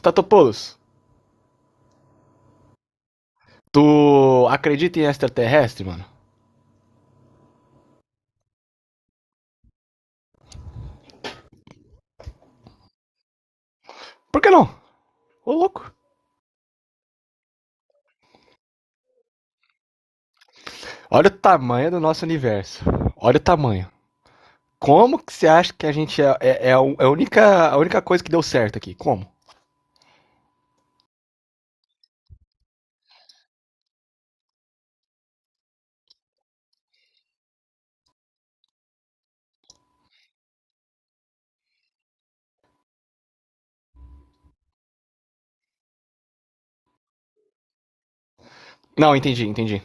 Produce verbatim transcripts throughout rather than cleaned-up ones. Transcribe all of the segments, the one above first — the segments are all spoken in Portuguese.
Statopoulos, tu acredita em extraterrestre, mano? Por que não? Ô louco. Olha o tamanho do nosso universo. Olha o tamanho. Como que você acha que a gente é, é, é a é única, a única coisa que deu certo aqui? Como? Não, entendi, entendi.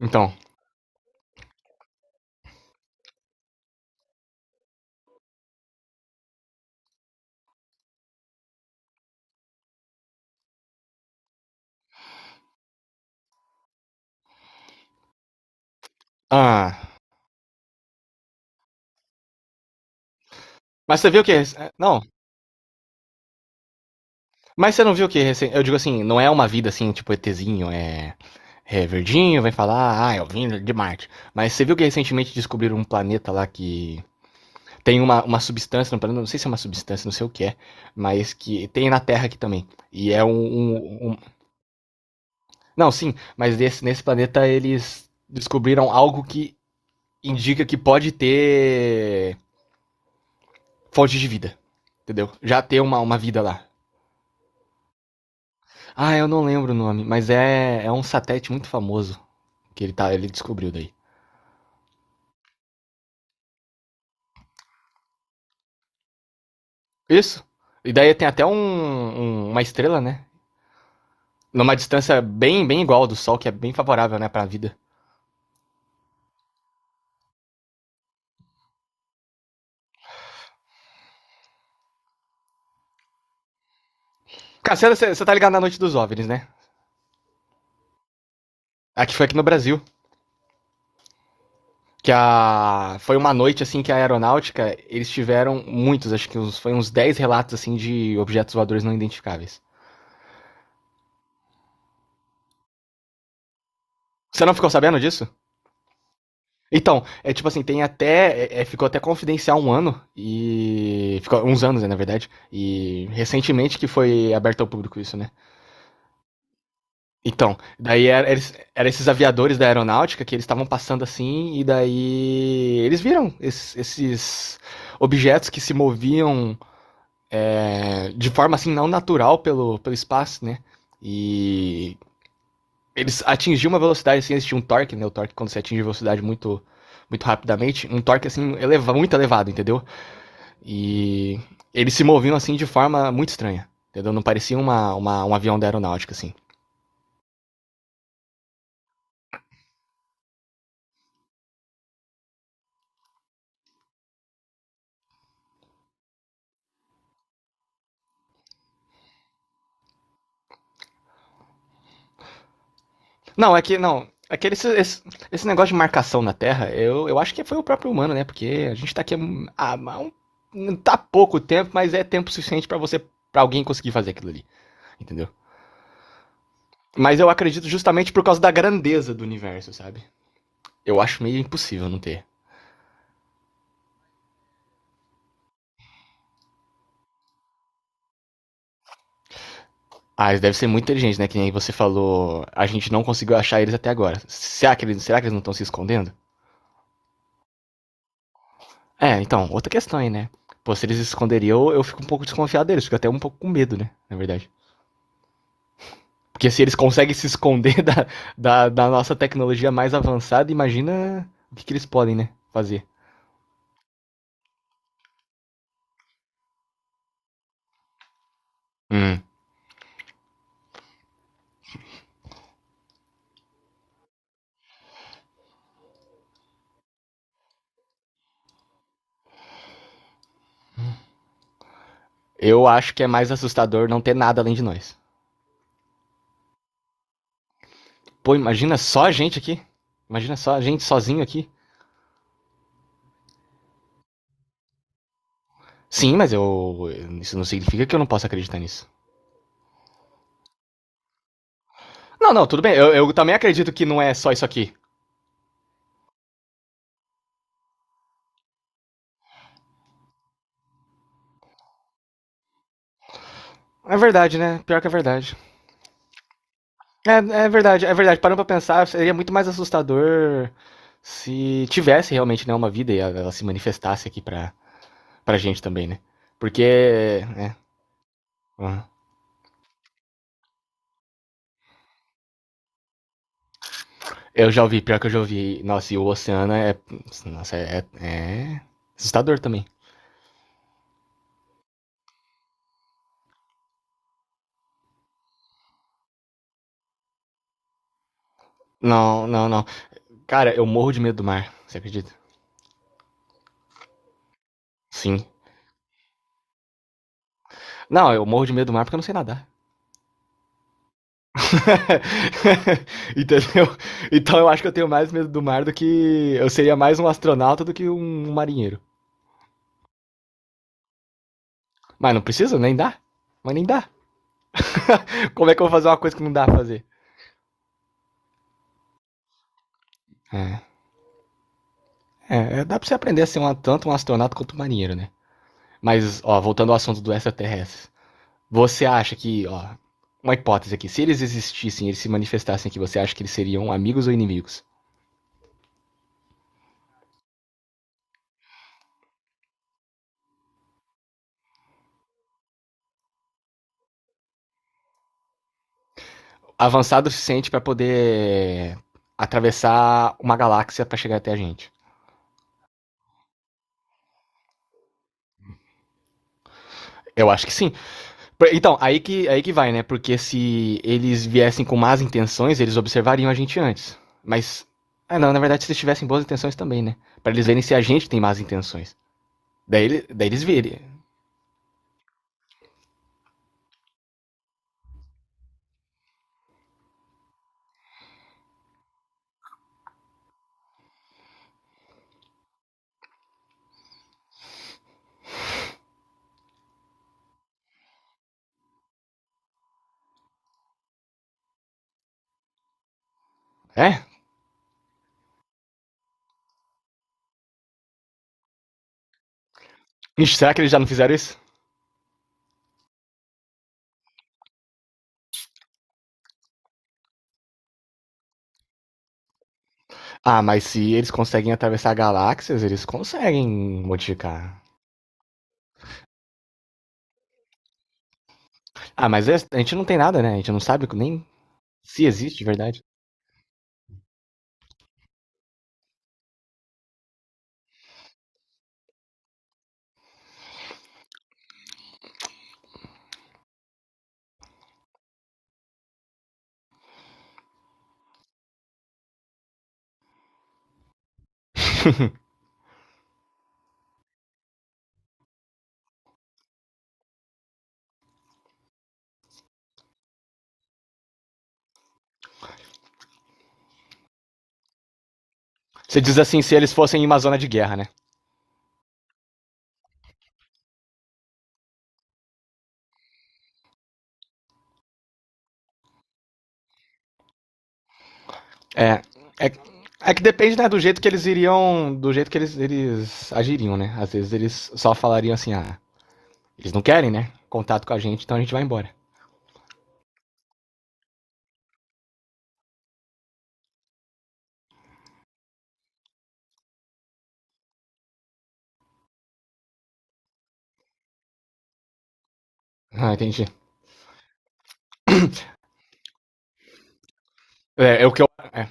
Então. Ah. Mas você viu o que. Não. Mas você não viu o que recen- Eu digo assim, não é uma vida assim, tipo ETzinho, é. É verdinho, vai falar, ah, eu vim de Marte. Mas você viu que recentemente descobriram um planeta lá que tem uma, uma substância, no, não sei se é uma substância, não sei o que é, mas que tem na Terra aqui também. E é um, um-, um-. Não, sim, mas nesse, nesse planeta eles descobriram algo que indica que pode ter fonte de vida. Entendeu? Já ter uma, uma vida lá. Ah, eu não lembro o nome, mas é, é um satélite muito famoso que ele, tá, ele descobriu daí. Isso. E daí tem até um, um- uma estrela, né? Numa distância bem, bem igual ao do Sol, que é bem favorável, né, pra vida. Cara, você- você você tá ligado na noite dos OVNIs, né? Aqui foi aqui no Brasil. Que a. Foi uma noite assim que a aeronáutica, eles tiveram muitos, acho que uns, foi uns dez relatos assim de objetos voadores não identificáveis. Você não ficou sabendo disso? Então, é tipo assim, tem até. é- é, ficou até confidencial um ano e. Ficou uns anos, né, na verdade. E recentemente que foi aberto ao público isso, né? Então, daí era, era esses aviadores da aeronáutica que eles estavam passando assim, e daí eles viram esses, esses objetos que se moviam, é, de forma assim não natural pelo, pelo espaço, né? E eles atingiam uma velocidade assim, existia um torque, né? O torque quando você atinge velocidade muito muito rapidamente, um torque assim eleva, muito elevado, entendeu? E eles se moviam assim de forma muito estranha, entendeu? Não parecia uma, uma um avião da aeronáutica assim. Não, é que não, é que esse, esse, esse negócio de marcação na Terra, eu, eu acho que foi o próprio humano, né? Porque a gente tá aqui há, há um, tá pouco tempo, mas é tempo suficiente para você para alguém conseguir fazer aquilo ali, entendeu? Mas eu acredito justamente por causa da grandeza do universo, sabe? Eu acho meio impossível não ter. Ah, eles devem ser muito inteligentes, né? Que nem você falou, a gente não conseguiu achar eles até agora. Será que eles, será que eles não estão se escondendo? É, então, outra questão aí, né? Pô, se eles se esconderiam, eu, eu fico um pouco desconfiado deles, fico até um pouco com medo, né? Na verdade. Porque se eles conseguem se esconder da, da, da nossa tecnologia mais avançada, imagina o que, que eles podem, né? Fazer. Hum. Eu acho que é mais assustador não ter nada além de nós. Pô, imagina só a gente aqui. Imagina só a gente sozinho aqui. Sim, mas eu. Isso não significa que eu não possa acreditar nisso. Não, não, tudo bem. Eu, eu também acredito que não é só isso aqui. É verdade, né? Pior que é verdade. É, é verdade, é verdade. Parando pra pensar, seria muito mais assustador se tivesse realmente, né, uma vida e ela se manifestasse aqui pra, pra gente também, né? Porque, né. Eu já ouvi, pior que eu já ouvi. Nossa, e o oceano é. Nossa, é. é assustador também. Não, não, não. Cara, eu morro de medo do mar, você acredita? Sim. Não, eu morro de medo do mar porque eu não sei nadar. Entendeu? Então eu acho que eu tenho mais medo do mar do que. Eu seria mais um astronauta do que um um marinheiro. Mas não precisa, nem dá. Mas nem dá. Como é que eu vou fazer uma coisa que não dá pra fazer? É, é, é, dá pra você aprender a ser um, tanto um astronauta quanto um marinheiro, né? Mas, ó, voltando ao assunto do extraterrestre. Você acha que, ó, uma hipótese aqui, se eles existissem, eles se manifestassem aqui, você acha que eles seriam amigos ou inimigos? Avançado o suficiente para poder atravessar uma galáxia para chegar até a gente. Eu acho que sim. Então, aí que, aí que vai, né? Porque se eles viessem com más intenções, eles observariam a gente antes. Mas. Ah, não, na verdade, se eles tivessem boas intenções também, né? Pra eles verem se a gente tem más intenções. Daí, daí eles virem. É? Ixi, será que eles já não fizeram isso? Ah, mas se eles conseguem atravessar galáxias, eles conseguem modificar. Ah, mas é, a gente não tem nada, né? A gente não sabe nem se existe de verdade. Você diz assim, se eles fossem em uma zona de guerra, né? É. É, é que depende, né, do jeito que eles iriam. Do jeito que eles, eles agiriam, né? Às vezes eles só falariam assim, ah, eles não querem, né, contato com a gente, então a gente vai embora. Ah, entendi. É, é o que eu. É.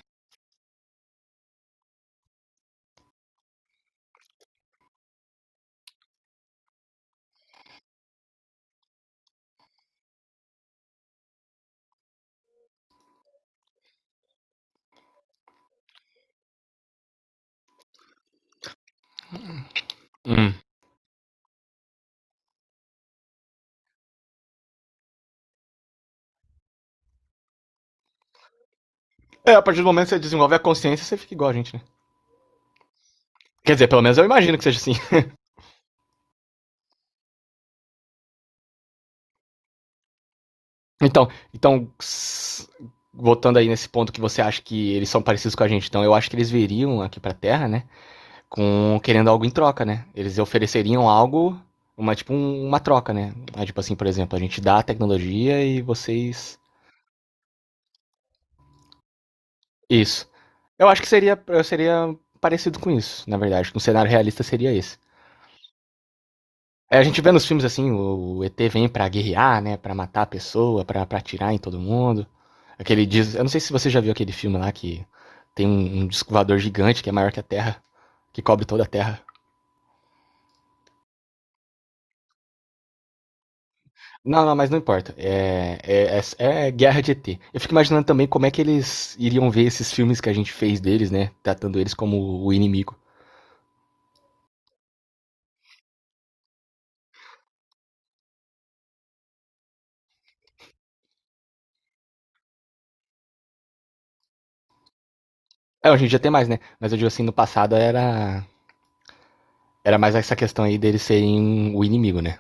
Hum. É, a partir do momento que você desenvolve a consciência, você fica igual a gente, né? Quer dizer, pelo menos eu imagino que seja assim. Então, então. Voltando aí nesse ponto, que você acha que eles são parecidos com a gente, então eu acho que eles viriam aqui pra Terra, né? Com, querendo algo em troca, né? Eles ofereceriam algo, uma, tipo um- uma troca, né? Ah, tipo assim, por exemplo, a gente dá a tecnologia e vocês isso. Eu acho que seria eu seria parecido com isso, na verdade. Um cenário realista seria esse. É, a gente vê nos filmes assim, o, o E T vem pra guerrear, né, pra matar a pessoa, pra pra atirar em todo mundo. Aquele diz, eu não sei se você já viu aquele filme lá que tem um, um disco voador gigante que é maior que a Terra, que cobre toda a Terra. Não, não, mas não importa. É, é, é, é guerra de E T. Eu fico imaginando também como é que eles iriam ver esses filmes que a gente fez deles, né? Tratando eles como o inimigo. É, hoje em dia tem mais, né? Mas eu digo assim, no passado era, era, mais essa questão aí deles serem o inimigo, né?